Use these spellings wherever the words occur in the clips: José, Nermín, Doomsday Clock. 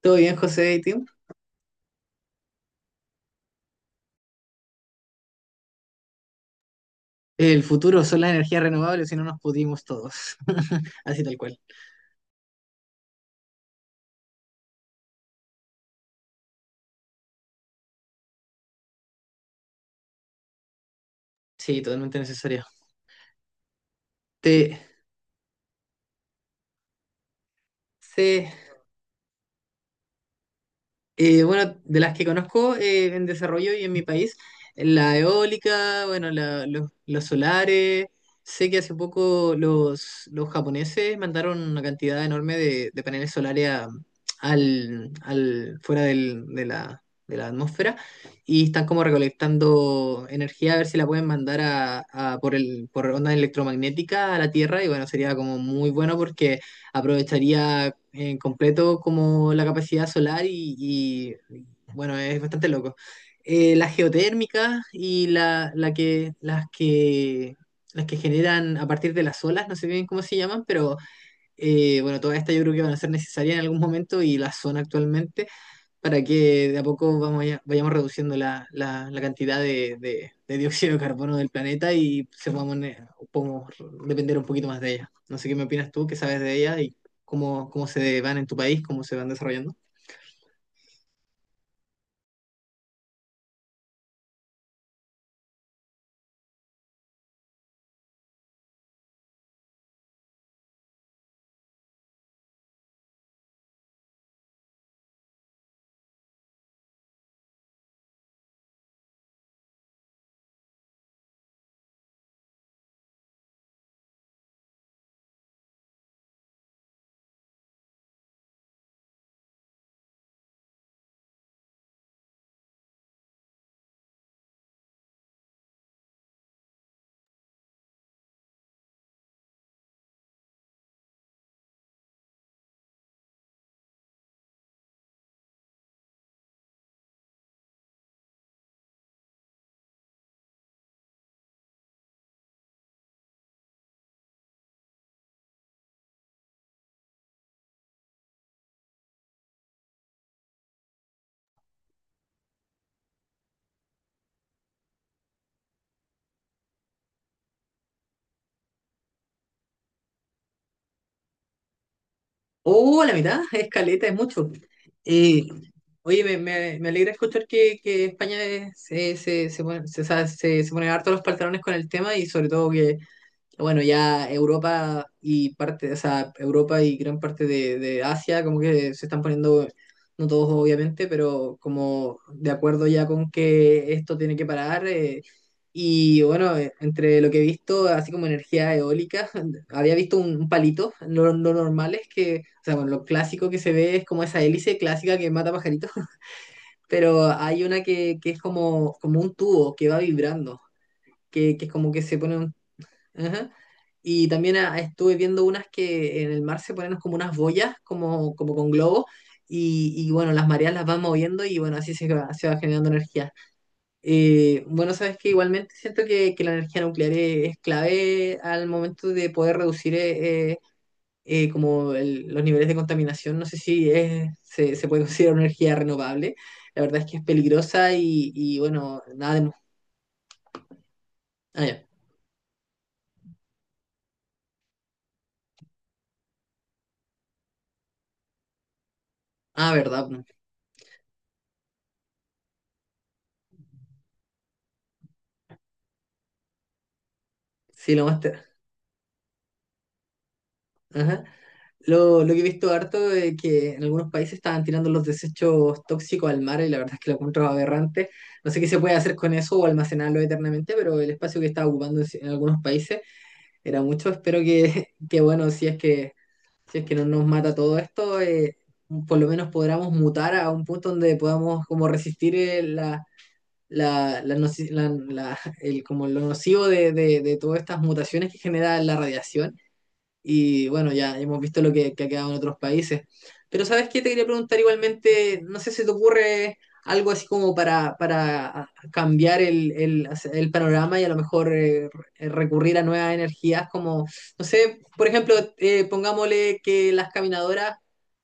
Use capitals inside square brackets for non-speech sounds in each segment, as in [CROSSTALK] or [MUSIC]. Todo bien, José y Tim. El futuro son las energías renovables y no nos pudimos todos. [LAUGHS] Así tal cual. Sí, totalmente necesario. Te, se Bueno, de las que conozco en desarrollo y en mi país, la eólica, bueno, los solares. Sé que hace poco los japoneses mandaron una cantidad enorme de paneles solares al, fuera de la atmósfera y están como recolectando energía a ver si la pueden mandar a por por onda electromagnética a la Tierra y bueno, sería como muy bueno porque aprovecharía en completo como la capacidad solar bueno, es bastante loco. Las geotérmicas y la que, las que las que generan a partir de las olas, no sé bien cómo se llaman, pero bueno, todas estas yo creo que van a ser necesarias en algún momento y la son actualmente para que de a poco vayamos reduciendo la cantidad de dióxido de carbono del planeta y se podamos, podamos depender un poquito más de ella. No sé qué me opinas tú, qué sabes de ella y cómo, cómo se van en tu país, cómo se van desarrollando. Oh, la mitad, es caleta, es mucho. Eh, Me alegra escuchar que España se pone, se, o sea, se pone harto los pantalones con el tema y sobre todo que bueno, ya Europa y parte, o sea, Europa y gran parte de Asia, como que se están poniendo, no todos obviamente, pero como de acuerdo ya con que esto tiene que parar. Y bueno, entre lo que he visto, así como energía eólica, [LAUGHS] había visto un palito, lo normal es que, o sea, bueno, lo clásico que se ve es como esa hélice clásica que mata pajaritos, [LAUGHS] pero hay una que es como, como un tubo que va vibrando, que es como que se pone. Ajá. Y también ah, estuve viendo unas que en el mar se ponen como unas boyas, como, como con globos, y bueno, las mareas las van moviendo y bueno, así se va generando energía. Bueno, sabes que igualmente siento que la energía nuclear es clave al momento de poder reducir como los niveles de contaminación. No sé si es, se puede considerar una energía renovable. La verdad es que es peligrosa y bueno, nada de... Ah, ya. Ah, verdad. Sí, lo más... te- Ajá. Lo que he visto harto es que en algunos países estaban tirando los desechos tóxicos al mar y la verdad es que lo encuentro aberrante. No sé qué se puede hacer con eso o almacenarlo eternamente, pero el espacio que estaba ocupando en algunos países era mucho. Espero que, [LAUGHS] que, bueno, si es que, si es que no nos mata todo esto, por lo menos podamos mutar a un punto donde podamos como resistir la, como lo nocivo de todas estas mutaciones que genera la radiación. Y bueno, ya hemos visto lo que ha quedado en otros países. Pero ¿sabes qué? Te quería preguntar igualmente, no sé si te ocurre algo así como para cambiar el panorama y a lo mejor recurrir a nuevas energías, como, no sé, por ejemplo, pongámosle que las caminadoras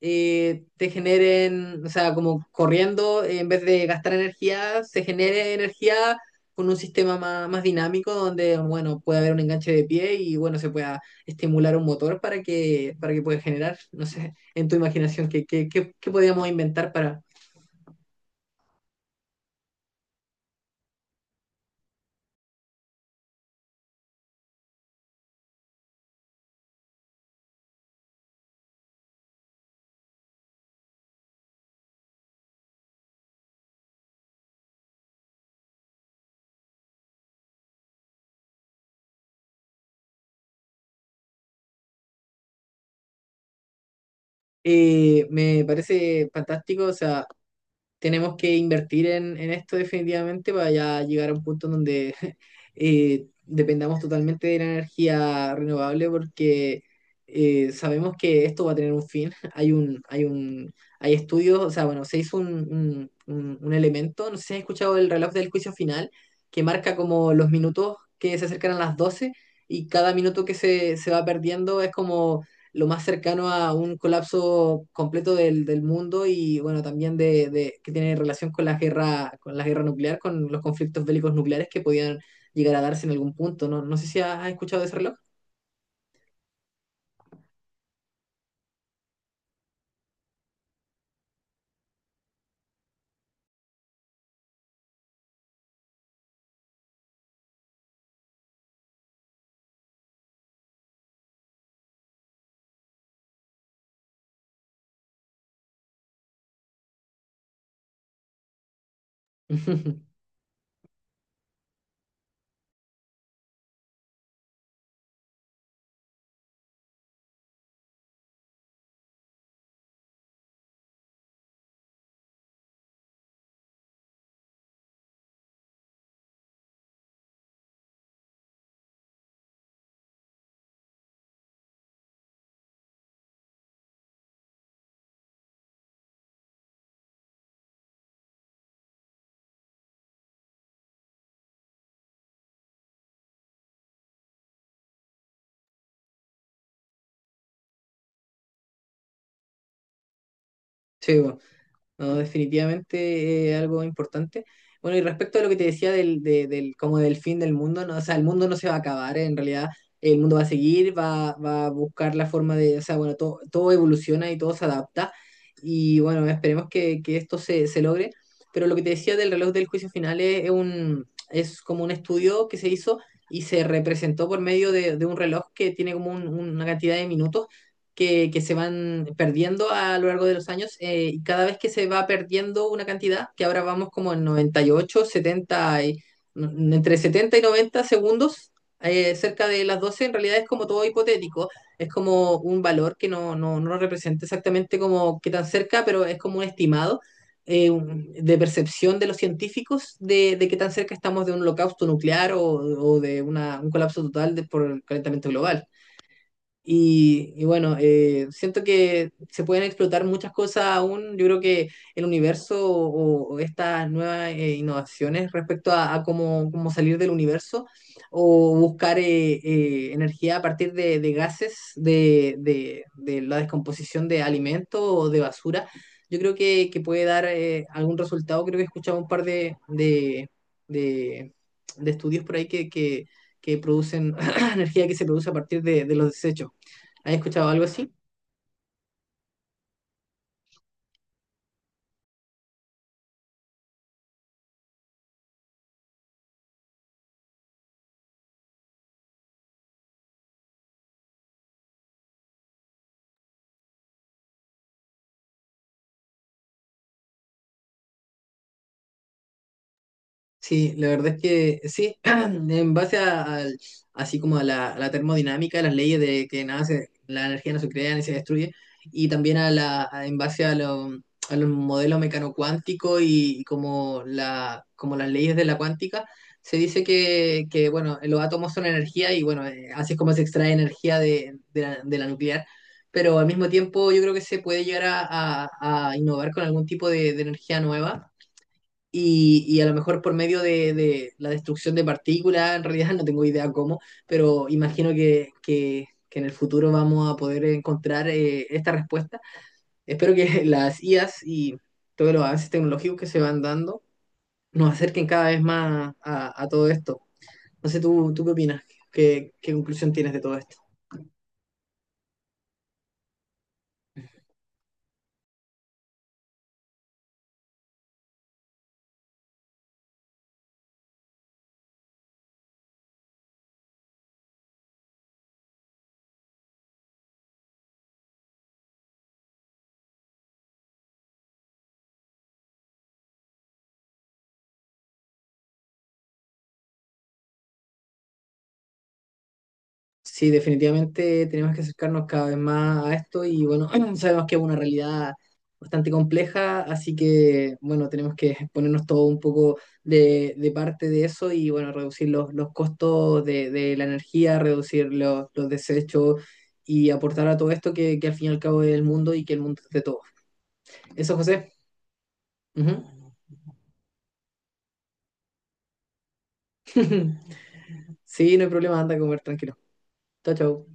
te generen, o sea, como corriendo, en vez de gastar energía, se genere energía con un sistema más, más dinámico donde, bueno, puede haber un enganche de pie y, bueno, se pueda estimular un motor para que pueda generar, no sé, en tu imaginación, qué, qué, qué, qué podríamos inventar para... Me parece fantástico, o sea, tenemos que invertir en esto definitivamente para ya llegar a un punto en donde [LAUGHS] dependamos totalmente de la energía renovable porque sabemos que esto va a tener un fin. [LAUGHS] Hay estudios, o sea, bueno, se hizo un, un elemento, no sé si has escuchado el reloj del juicio final, que marca como los minutos que se acercan a las 12 y cada minuto que se va perdiendo es como lo más cercano a un colapso completo del, del mundo y bueno, también de, que tiene relación con la guerra nuclear, con los conflictos bélicos nucleares que podían llegar a darse en algún punto. No, no sé si has escuchado de ese reloj. [LAUGHS] Sí, bueno. No, definitivamente algo importante. Bueno, y respecto a lo que te decía del, del, como del fin del mundo, no, o sea, el mundo no se va a acabar, en realidad el mundo va a seguir, va, va a buscar la forma de, o sea, bueno, todo, todo evoluciona y todo se adapta, y bueno, esperemos que esto se, se logre, pero lo que te decía del reloj del juicio final es un, es como un estudio que se hizo y se representó por medio de un reloj que tiene como una cantidad de minutos que se van perdiendo a lo largo de los años y cada vez que se va perdiendo una cantidad, que ahora vamos como en 98, 70, entre 70 y 90 segundos, cerca de las 12 en realidad es como todo hipotético, es como un valor que no, no, no lo representa exactamente como qué tan cerca, pero es como un estimado. De percepción de los científicos de qué tan cerca estamos de un holocausto nuclear o de una- un colapso total por el calentamiento global. Y bueno, siento que se pueden explotar muchas cosas aún. Yo creo que el universo o estas nuevas innovaciones respecto a cómo, cómo salir del universo o buscar energía a partir de gases, de, de la descomposición de alimentos o de basura, yo creo que puede dar algún resultado. Creo que he escuchado un par de, de- de estudios por ahí que producen [CLEARS THROAT] energía que se produce a partir de los desechos. ¿Has escuchado algo así? Sí, la verdad es que sí, [CLEARS THROAT] en base a, así como a la termodinámica, las leyes de que nada la energía no se crea ni se destruye, y también a la, en base a, a los modelos mecanocuánticos y como, la, como las leyes de la cuántica, se dice que, bueno, los átomos son energía y bueno, así es como se extrae energía de la nuclear, pero al mismo tiempo yo creo que se puede llegar a, a innovar con algún tipo de energía nueva. Y a lo mejor por medio de la destrucción de partículas, en realidad [LAUGHS] no tengo idea cómo, pero imagino que en el futuro vamos a poder encontrar esta respuesta. Espero que [LAUGHS] las IAs y todos los avances tecnológicos que se van dando nos acerquen cada vez más a todo esto. No sé, ¿tú, tú qué opinas? ¿Qué, qué conclusión tienes de todo esto? Sí, definitivamente tenemos que acercarnos cada vez más a esto y bueno, [CLEARS THROAT] sabemos que es una realidad bastante compleja, así que bueno, tenemos que [LAUGHS] ponernos todo un poco de parte de eso y bueno, reducir los costos de la energía, reducir los desechos y aportar a todo esto que al fin y al cabo es el mundo y que el mundo es de todos. Eso, José. Ujú. [LAUGHS] Sí, no hay problema, anda a comer tranquilo. Chao, chao.